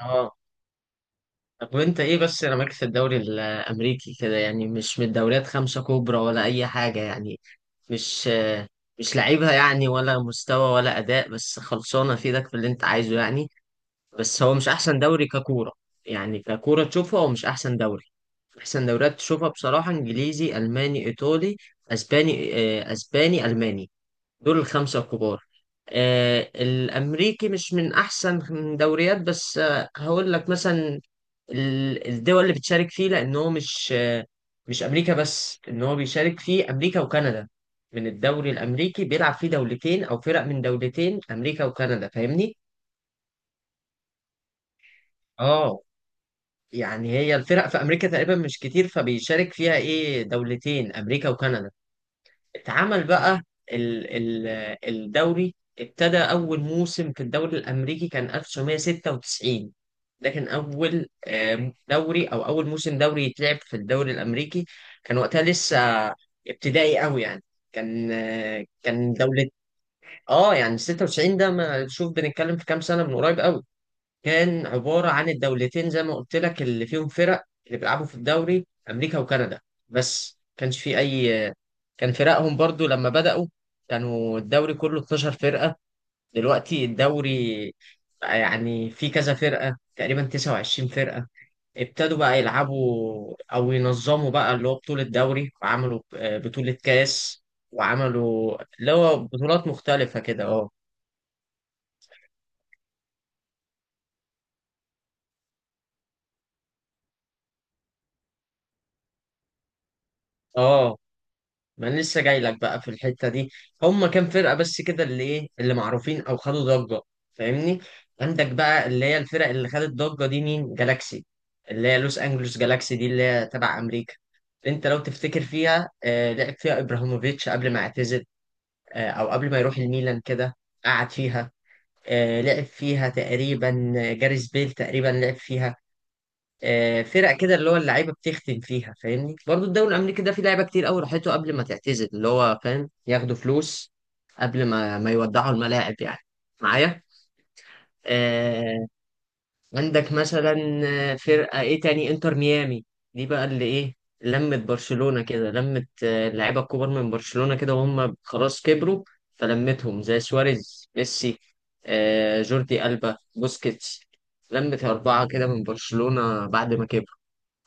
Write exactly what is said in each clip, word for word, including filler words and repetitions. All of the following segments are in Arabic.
اه. طب وانت ايه بس انا مالك في الدوري الامريكي كده، يعني مش من الدوريات خمسة كبرى ولا اي حاجة يعني. مش مش لعيبها يعني، ولا مستوى ولا اداء، بس خلصانة في ايدك في اللي انت عايزه يعني. بس هو مش احسن دوري ككورة. يعني ككورة تشوفها هو مش احسن دوري. احسن دوريات تشوفها بصراحة انجليزي، الماني، ايطالي، اسباني. آه، اسباني، الماني، دول الخمسة الكبار. آه الأمريكي مش من أحسن دوريات، بس آه هقول لك مثلا ال- الدول اللي بتشارك فيه، لأن هو مش آه مش أمريكا بس، إن هو بيشارك فيه أمريكا وكندا. من الدوري الأمريكي بيلعب فيه دولتين أو فرق من دولتين، أمريكا وكندا، فاهمني؟ آه يعني هي الفرق في أمريكا تقريبا مش كتير، فبيشارك فيها إيه، دولتين، أمريكا وكندا. اتعمل بقى ال ال الدوري. ابتدى أول موسم في الدوري الأمريكي كان ألف وتسعمية ستة وتسعين. ده كان أول آه، دوري، أو أول موسم دوري يتلعب في الدوري الأمريكي. كان وقتها لسه ابتدائي قوي يعني. كان آه، كان دولة. اه، يعني ستة وتسعين ده، ما شوف بنتكلم في كام سنة، من قريب قوي. كان عبارة عن الدولتين زي ما قلت لك، اللي فيهم فرق اللي بيلعبوا في الدوري، أمريكا وكندا. بس كانش في أي، كان فرقهم برضو لما بدأوا كانوا الدوري كله اتناشر فرقة. دلوقتي الدوري بقى، يعني في كذا فرقة، تقريبا تسعة وعشرين فرقة. ابتدوا بقى يلعبوا أو ينظموا بقى اللي هو بطولة دوري، وعملوا آه، بطولة كاس، وعملوا اللي هو بطولات مختلفة كده. اه. اه، ما انا لسه جاي لك بقى في الحته دي. هم كام فرقه بس كده اللي ايه، اللي معروفين او خدوا ضجه، فاهمني. عندك بقى اللي هي الفرق اللي خدت ضجه دي، مين؟ جالاكسي، اللي هي لوس انجلوس جالاكسي، دي اللي هي تبع امريكا. انت لو تفتكر فيها آه لعب فيها ابراهيموفيتش قبل ما اعتزل، آه او قبل ما يروح الميلان كده، قعد فيها. آه لعب فيها تقريبا جاريث بيل، تقريبا لعب فيها. آه، فرق كده اللي هو اللعيبه بتختم فيها، فاهمني؟ برضو الدوري الامريكي ده فيه لعيبه كتير قوي راحته قبل ما تعتزل، اللي هو فاهم ياخدوا فلوس قبل ما ما يودعوا الملاعب يعني. معايا؟ آه. عندك مثلا آه، فرقه ايه تاني، انتر ميامي. دي بقى اللي ايه، لمت برشلونه كده، لمت آه، اللعيبه الكبار من برشلونه كده وهم خلاص كبروا، فلمتهم زي سواريز، ميسي، آه جوردي ألبا، بوسكيتس. لمت أربعة كده من برشلونة بعد ما كبروا.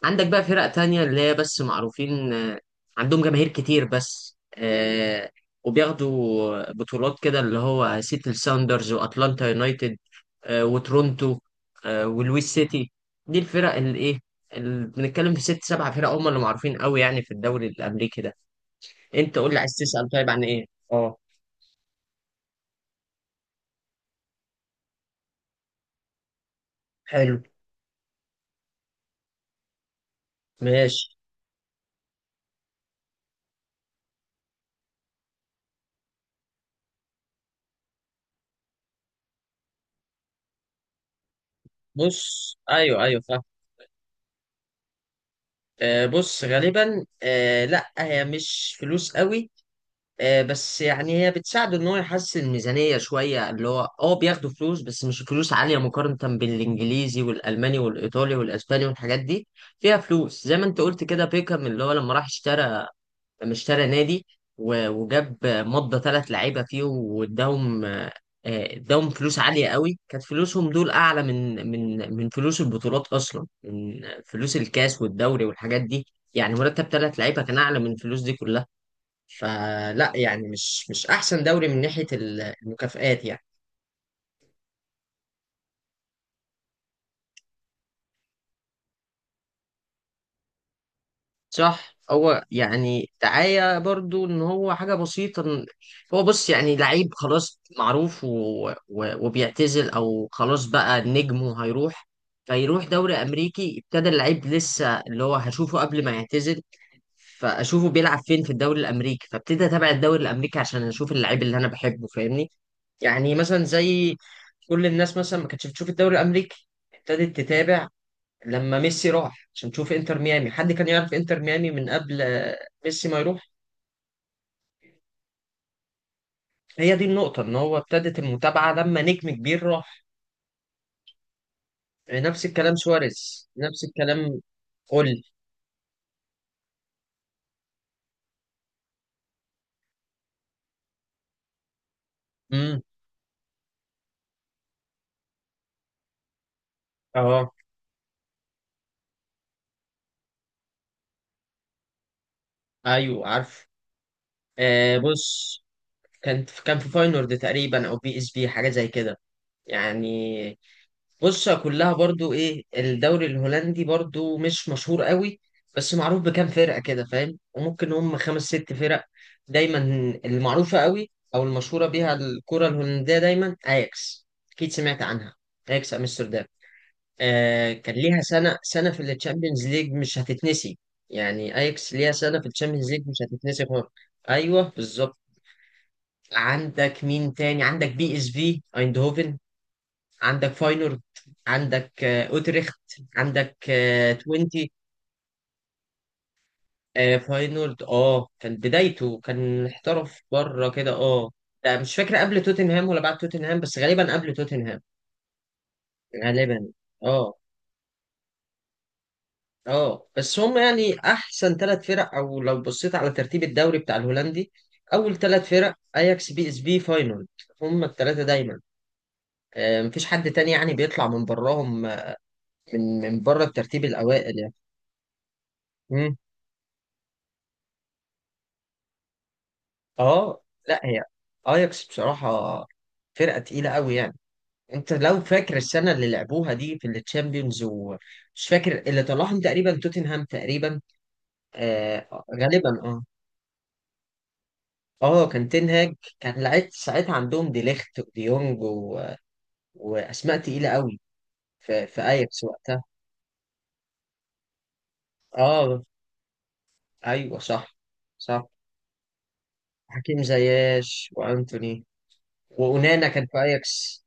عندك بقى فرق تانية اللي هي بس معروفين، آه، عندهم جماهير كتير، بس آه، وبياخدوا بطولات كده، اللي هو سيتل ساوندرز، واتلانتا يونايتد، آه، وتورونتو، آه، ولويس سيتي. دي الفرق اللي ايه، اللي بنتكلم في ست سبع فرق هم اللي معروفين قوي يعني في الدوري الامريكي ده. انت قول لي، عايز تسأل طيب عن ايه؟ اه. حلو. ماشي. بص، ايوه ايوه فاهم. آه، بص غالبا، آه، لا، هي مش فلوس قوي. آه، بس يعني هي بتساعده ان هو يحسن الميزانيه شويه، اللي هو اه بياخدوا فلوس، بس مش فلوس عاليه مقارنه بالانجليزي والالماني والايطالي والاسباني والحاجات دي. فيها فلوس زي ما انت قلت كده، بيكهام اللي هو لما راح اشترى، لما اشترى نادي، و- وجاب مضى ثلاث لعيبه فيهم واداهم، آه، آه، اداهم فلوس عاليه قوي. كانت فلوسهم دول اعلى من من من فلوس البطولات اصلا، من فلوس الكاس والدوري والحاجات دي. يعني مرتب ثلاث لعيبه كان اعلى من الفلوس دي كلها. فلا يعني، مش مش احسن دوري من ناحية المكافآت يعني. صح، هو يعني دعاية برضو، ان هو حاجة بسيطة إن هو، بص يعني لعيب خلاص معروف و... و... وبيعتزل او خلاص بقى نجمه هيروح، فيروح دوري امريكي. ابتدى اللعيب لسه اللي هو هشوفه قبل ما يعتزل، فاشوفه بيلعب فين؟ في الدوري الامريكي، فابتدي اتابع الدوري الامريكي عشان اشوف اللعيب اللي انا بحبه، فاهمني؟ يعني مثلا زي كل الناس مثلا ما كانتش بتشوف الدوري الامريكي، ابتدت تتابع لما ميسي راح عشان تشوف انتر ميامي. حد كان يعرف انتر ميامي من قبل آه، ميسي ما يروح؟ هي دي النقطة، ان هو ابتدت المتابعة لما نجم كبير راح. نفس الكلام سواريز، نفس الكلام. قول. امم. اه، ايوه عارف. آه بص، كان كان في فاينورد تقريبا، او بي اس بي، حاجة زي كده يعني. بص، كلها برضو ايه، الدوري الهولندي برضو مش مشهور قوي، بس معروف بكام فرقة كده، فاهم؟ وممكن هم خمس ست فرق دايما المعروفة قوي، او المشهورة بيها الكرة الهولندية. دايما اياكس، اكيد سمعت عنها، اياكس امستردام. آه كان ليها سنة سنة في التشامبيونز ليج مش هتتنسي. يعني اياكس ليها سنة في التشامبيونز ليج مش هتتنسي خالص. ايوه بالظبط. عندك مين تاني؟ عندك بي اس في ايندهوفن، عندك فاينورد، عندك آه، اوتريخت، عندك آه، توينتي. آه، فاينورد اه كان بدايته، كان احترف بره كده. اه لا مش فاكر قبل توتنهام ولا بعد توتنهام، بس غالبا قبل توتنهام. غالبا. اه. اه بس هم يعني احسن ثلاث فرق، او لو بصيت على ترتيب الدوري بتاع الهولندي، اول ثلاث فرق اياكس، بي اس بي، فاينورد. هم الثلاثه دايما، آه، مفيش حد تاني يعني بيطلع من براهم، آه، من من بره الترتيب الاوائل يعني. اه. لا هي اياكس بصراحة فرقة تقيلة قوي يعني. انت لو فاكر السنة اللي لعبوها دي في التشامبيونز، ومش فاكر اللي طلعهم، تقريبا توتنهام تقريبا. آه غالبا. اه اه، كان تنهاج. كان لعيب ساعتها عندهم ديليخت وديونج و... واسماء تقيلة قوي في, في اياكس وقتها. اه ايوه صح. صح، حكيم زياش وانتوني، وأونانا كان في اياكس.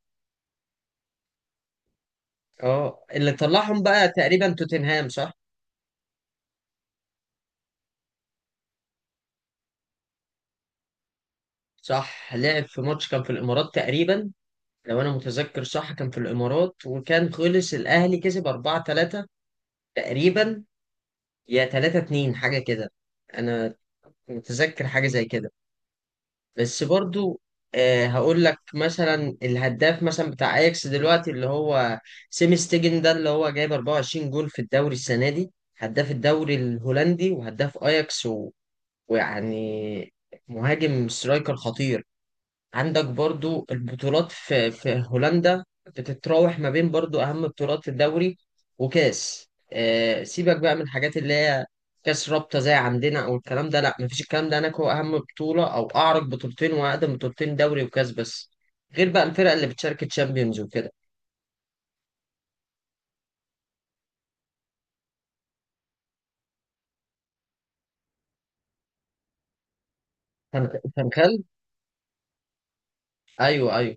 اه، اللي طلعهم بقى تقريبا توتنهام، صح؟ صح، لعب في ماتش، كان في الامارات تقريبا، لو انا متذكر صح، كان في الامارات، وكان خلص الاهلي كسب أربعة ثلاثة تقريبا، يا ثلاثة اتنين حاجه كده. انا متذكر حاجه زي كده. بس برضو، آه هقول لك مثلا، الهداف مثلا بتاع اياكس دلوقتي اللي هو سيمي ستيجن، ده اللي هو جايب أربعة وعشرين جول في الدوري السنه دي، هداف الدوري الهولندي وهداف اياكس و... ويعني مهاجم، سترايكر خطير. عندك برضو البطولات في في هولندا بتتراوح ما بين، برضو أهم بطولات في الدوري وكاس، آه، سيبك بقى من الحاجات اللي هي كاس رابطة زي عندنا أو الكلام ده، لا، مفيش الكلام ده هناك. هو أهم بطولة، أو أعرق بطولتين وأقدم بطولتين، دوري وكاس بس، غير بقى الفرق اللي بتشارك تشامبيونز وكده. فان- فانخال. أيوه أيوه.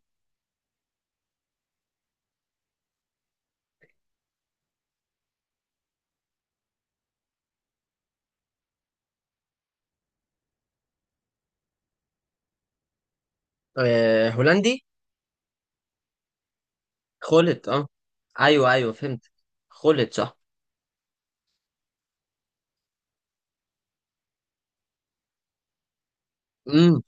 آه، هولندي. خلت. أه أيوه أيوه فهمت. خلت، صح. امم.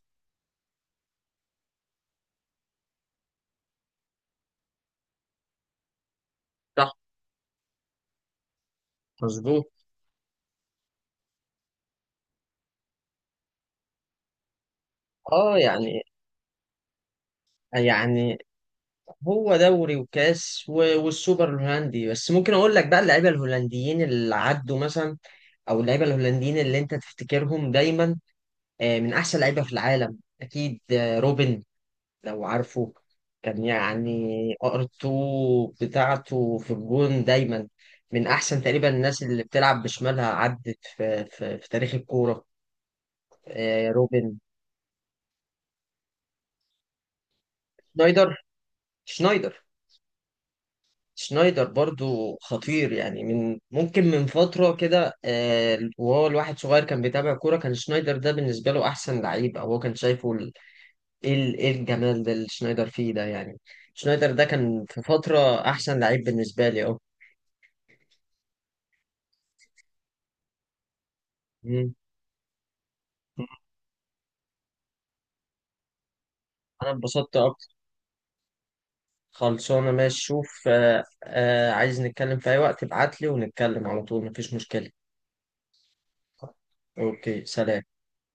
صح. مظبوط. أه يعني، يعني هو دوري وكاس و- والسوبر الهولندي بس. ممكن اقول لك بقى اللعيبه الهولنديين اللي عدوا مثلا، او اللعيبه الهولنديين اللي انت تفتكرهم دايما، آه، من احسن لعيبه في العالم اكيد، آه، روبن، لو عارفه. كان يعني ارتو بتاعته في الجون دايما، من احسن تقريبا الناس اللي بتلعب بشمالها عدت في في, في تاريخ الكوره. آه، روبن، شنايدر. شنايدر. شنايدر برضو خطير يعني، من ممكن من فترة كده، آه، وهو الواحد صغير كان بيتابع كورة، كان شنايدر ده بالنسبة له أحسن لعيب، أو هو كان شايفه ال- إيه ال- إيه الجمال ده اللي شنايدر فيه ده يعني. شنايدر ده كان في فترة أحسن لعيب بالنسبة لي. أه مم. أنا اتبسطت أكتر. خلصانة، ماشي. شوف، آه، آه، عايز نتكلم في أي وقت ابعتلي ونتكلم على طول، مفيش مشكلة. أوكي، سلام.